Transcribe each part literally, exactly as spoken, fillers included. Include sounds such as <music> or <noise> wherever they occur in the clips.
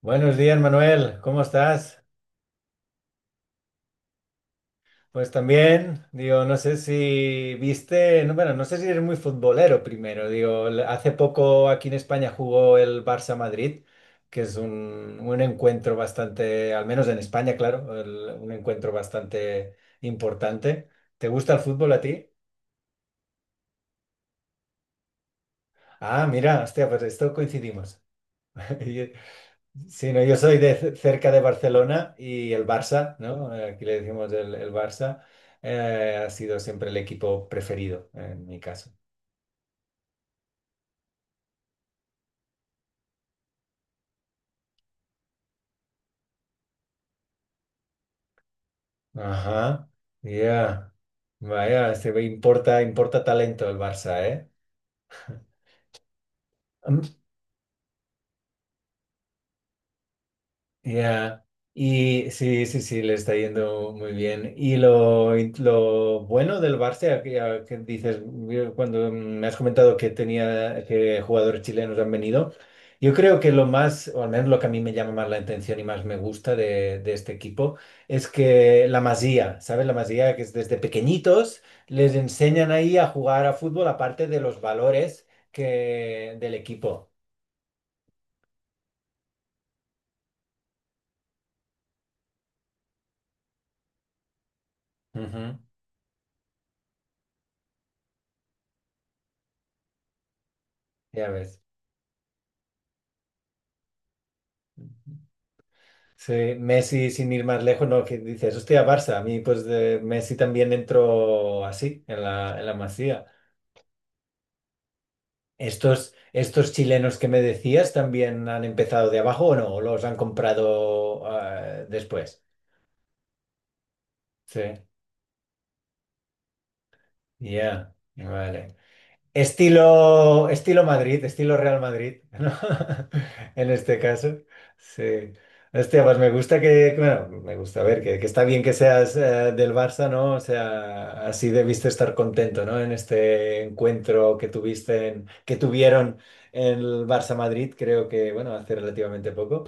Buenos días, Manuel. ¿Cómo estás? Pues también, digo, no sé si viste, no, bueno, no sé si eres muy futbolero primero. Digo, el- hace poco aquí en España jugó el Barça Madrid, que es un, un encuentro bastante, al menos en España, claro, el- un encuentro bastante importante. ¿Te gusta el fútbol a ti? Ah, mira, hostia, pues esto coincidimos. <laughs> Sí, no, yo soy de c- cerca de Barcelona y el Barça, ¿no? Eh, Aquí le decimos el, el Barça, eh, ha sido siempre el equipo preferido en mi caso. Ajá, ya. Vaya, se ve, importa, importa talento el Barça, ¿eh? Ya. Y sí, sí, sí, le está yendo muy bien. Y lo, lo bueno del Barça, a que, a que dices, eh, cuando me has comentado que tenía, que jugadores chilenos han venido, yo creo que lo más, o al menos lo que a mí me llama más la atención y más me gusta de, de este equipo, es que la Masía, ¿sabes? La Masía, que es desde pequeñitos, les enseñan ahí a jugar a fútbol, aparte de los valores que, del equipo. Ujú. Ya ves. Sí, Messi sin ir más lejos, no, que dices, hostia, Barça, a mí pues de Messi también entró así, en la, en la Masía. ¿Estos, estos chilenos que me decías también han empezado de abajo o no? ¿O los han comprado eh, después? Sí, ya. Vale. Estilo, estilo Madrid, estilo Real Madrid, ¿no? <laughs> En este caso, sí. Hostia, pues me gusta que, bueno, me gusta ver que, que está bien que seas eh, del Barça, ¿no? O sea, así debiste estar contento, ¿no? En este encuentro que tuviste, en- que tuvieron en el Barça Madrid, creo que, bueno, hace relativamente poco.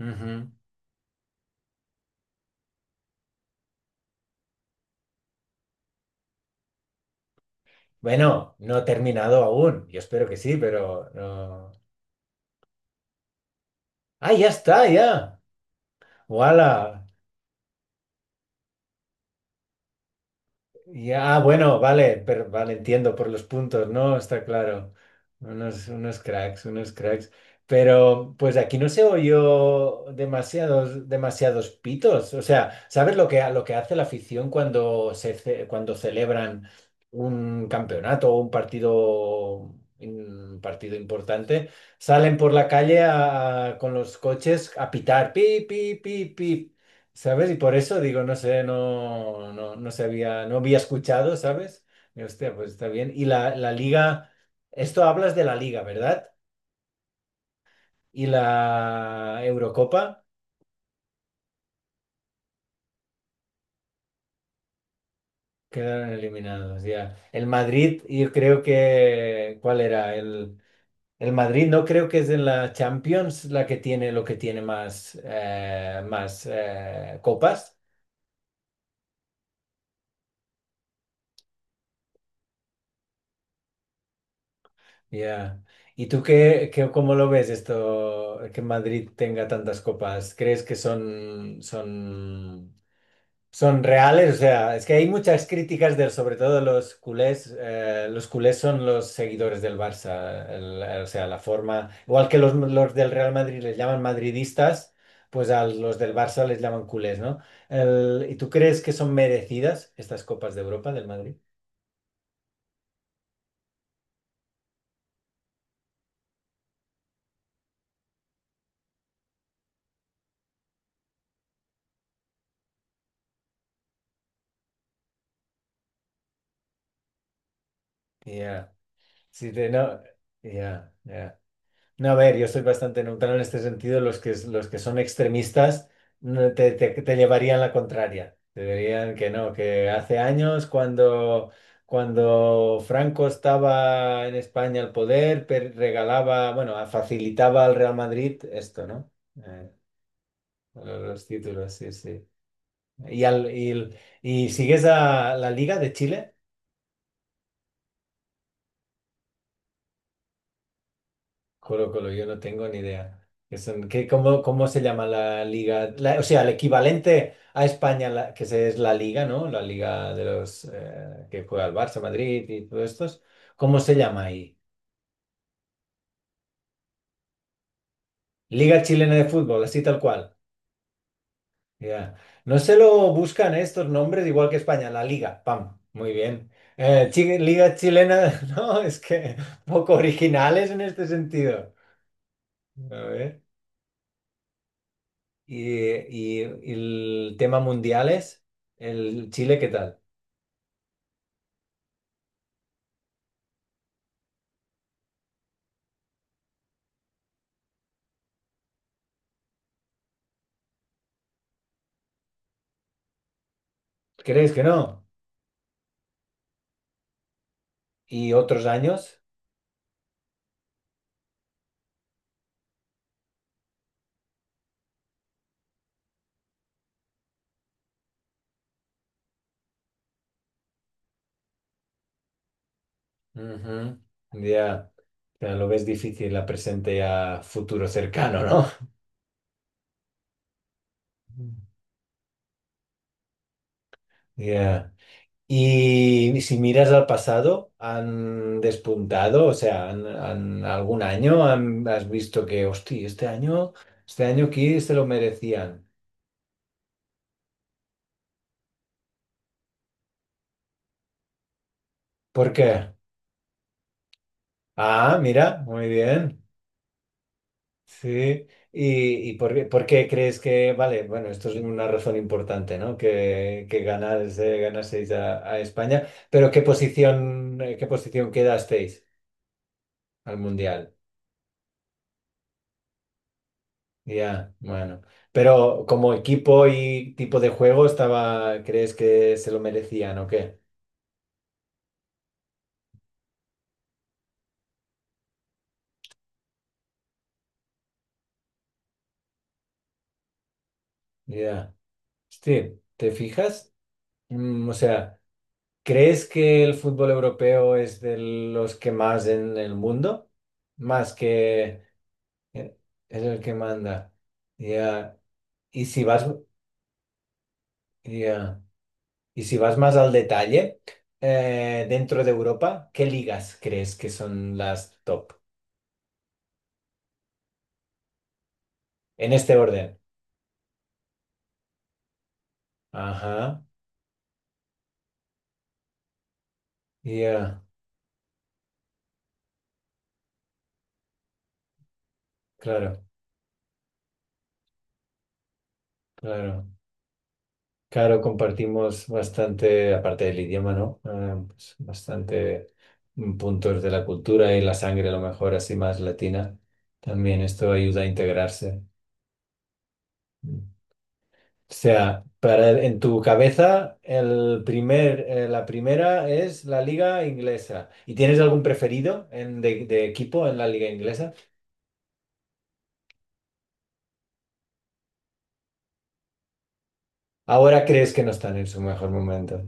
Ujú. Bueno, no he terminado aún. Yo espero que sí, pero no. Ah, ya está, ya. ¡Wala! Ya, bueno, vale, pero vale, entiendo por los puntos, ¿no? Está claro. Unos, unos cracks, unos cracks. Pero pues aquí no se oyó demasiados, demasiados pitos. O sea, ¿sabes lo que, lo que hace la afición cuando se, ce- cuando celebran un campeonato o un partido, un partido importante? Salen por la calle a- con los coches a pitar, pi, pi, pi, pi. ¿Sabes? Y por eso digo, no sé, no, no, no sabía, no había escuchado, ¿sabes? Y hostia, pues está bien. Y la, la liga, esto hablas de la liga, ¿verdad? Y la Eurocopa quedaron eliminados, ya. El Madrid, yo creo que, ¿cuál era? El, el Madrid no creo que es en la Champions la que tiene lo que tiene más, eh, más eh, copas. Ya. ¿Y tú qué, qué- cómo lo ves esto, que Madrid tenga tantas copas? ¿Crees que son, son, son reales? O sea, es que hay muchas críticas del, sobre todo los culés. eh, los culés son los seguidores del Barça. El- eh, o sea, la forma, igual que los, los del Real Madrid les llaman madridistas, pues a los del Barça les llaman culés, ¿no? El- ¿y tú crees que son merecidas estas copas de Europa del Madrid? Ya. Sí, de- no. Ya, ya. No, a ver, yo estoy bastante neutral en este sentido. Los que, los que son extremistas no, te, te, te llevarían la contraria. Te dirían que no, que hace años cuando, cuando Franco estaba en España al poder, per- regalaba, bueno, facilitaba al Real Madrid esto, ¿no? Eh, lo- los títulos, sí, sí. Y, al, y, el- y sigues a la Liga de Chile. Colo Colo, yo no tengo ni idea. Que son- que- ¿cómo, cómo se llama la liga? La- o sea, el equivalente a España, la- que se- es la liga, ¿no? La liga de los eh, que juega el Barça, Madrid y todos estos. ¿Cómo se llama ahí? Liga Chilena de Fútbol, así tal cual. Ya. No se lo buscan eh, estos nombres, igual que España, la liga. Pam, muy bien. Eh, chi- Liga Chilena, <laughs> no, es que poco originales en este sentido. A ver. Y, y- y el tema mundiales, el Chile, ¿qué tal? ¿Crees que no? ¿Y otros años? Ujú. Ya. Ya lo ves difícil a presente y a futuro cercano, ¿no? Mm. Ya. Y si miras al pasado, ¿han despuntado? O sea, ¿han, han- algún año han- has visto que, hostia, este año, este año aquí se lo merecían? ¿Por qué? Ah, mira, muy bien. Sí, y, y por, qué ¿por qué crees que, vale, bueno, esto es una razón importante, ¿no? Que, que ganás, eh, ganaseis a, a España, pero ¿qué posición, eh, qué posición quedasteis al Mundial? Ya, bueno, pero como equipo y tipo de juego estaba, ¿crees que se lo merecían o qué? Ya, sí, ¿te fijas? Mm, o sea, ¿crees que el fútbol europeo es de los que más en el mundo? Más que... eh, es el que manda. Ya. Y si vas, ya. Y si vas más al detalle, eh, dentro de Europa, ¿qué ligas crees que son las top? En este orden. Ajá. Ya. Claro, claro. Claro, compartimos bastante, aparte del idioma, ¿no? Eh, pues, bastante mm, puntos de la cultura y la sangre, a lo mejor así más latina. También esto ayuda a integrarse. O sea, para el- en tu cabeza el primer, eh, la primera es la liga inglesa. ¿Y tienes algún preferido en- de, de equipo en la liga inglesa? Ahora crees que no están en su mejor momento.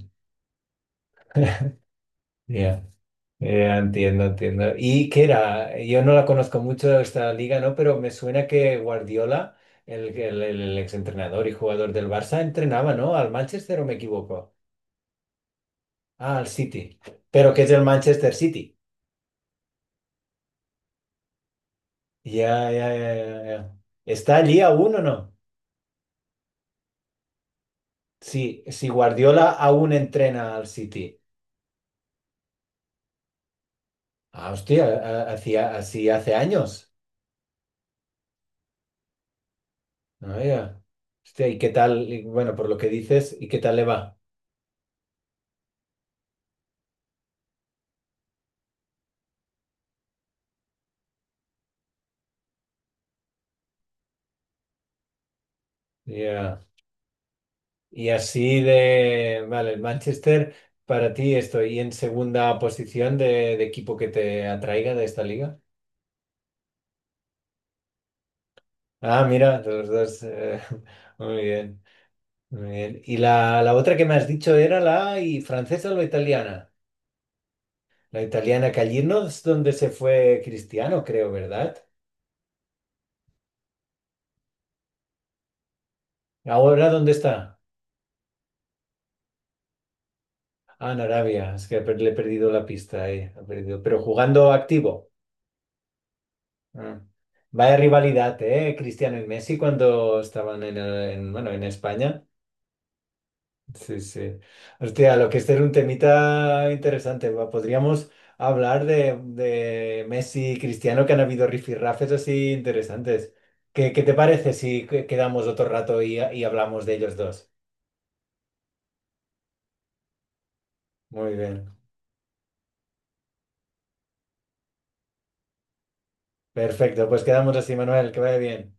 Ya, ya, entiendo, entiendo. ¿Y qué era? Yo no la conozco mucho esta liga, ¿no? Pero me suena que Guardiola, el, el, el exentrenador y jugador del Barça, entrenaba, ¿no? Al Manchester o me equivoco. Ah, al City. Pero que es el Manchester City. Ya, ya, ya, ya, ya. ¿Está allí aún o no? Sí, si Guardiola aún entrena al City. Ah, hostia, a- hacía así hace años. Ah, ya. Hostia, ¿y qué tal? Y bueno, por lo que dices, ¿y qué tal le va? Ya. Y así de, vale, el Manchester, para ti estoy en segunda posición de, de equipo que te atraiga de esta liga. Ah, mira, los dos. eh, <laughs> muy bien, muy bien. ¿Y la, la otra que me has dicho era la y francesa o la italiana? La italiana Callirno es donde se fue Cristiano, creo, ¿verdad? Ahora, ¿dónde está? Ah, en Arabia. Es que le he perdido la pista ahí. Ha perdido. Pero jugando activo. Ah. Vaya rivalidad, ¿eh? Cristiano y Messi cuando estaban en, eh, en, bueno, en España. Sí, sí. Hostia, lo que este era un temita interesante. Va, podríamos hablar de, de Messi y Cristiano, que han habido rifirrafes así interesantes. ¿Qué, qué te parece si que- quedamos otro rato y y hablamos de ellos dos? Muy bien. Perfecto, pues quedamos así, Manuel, que vaya bien.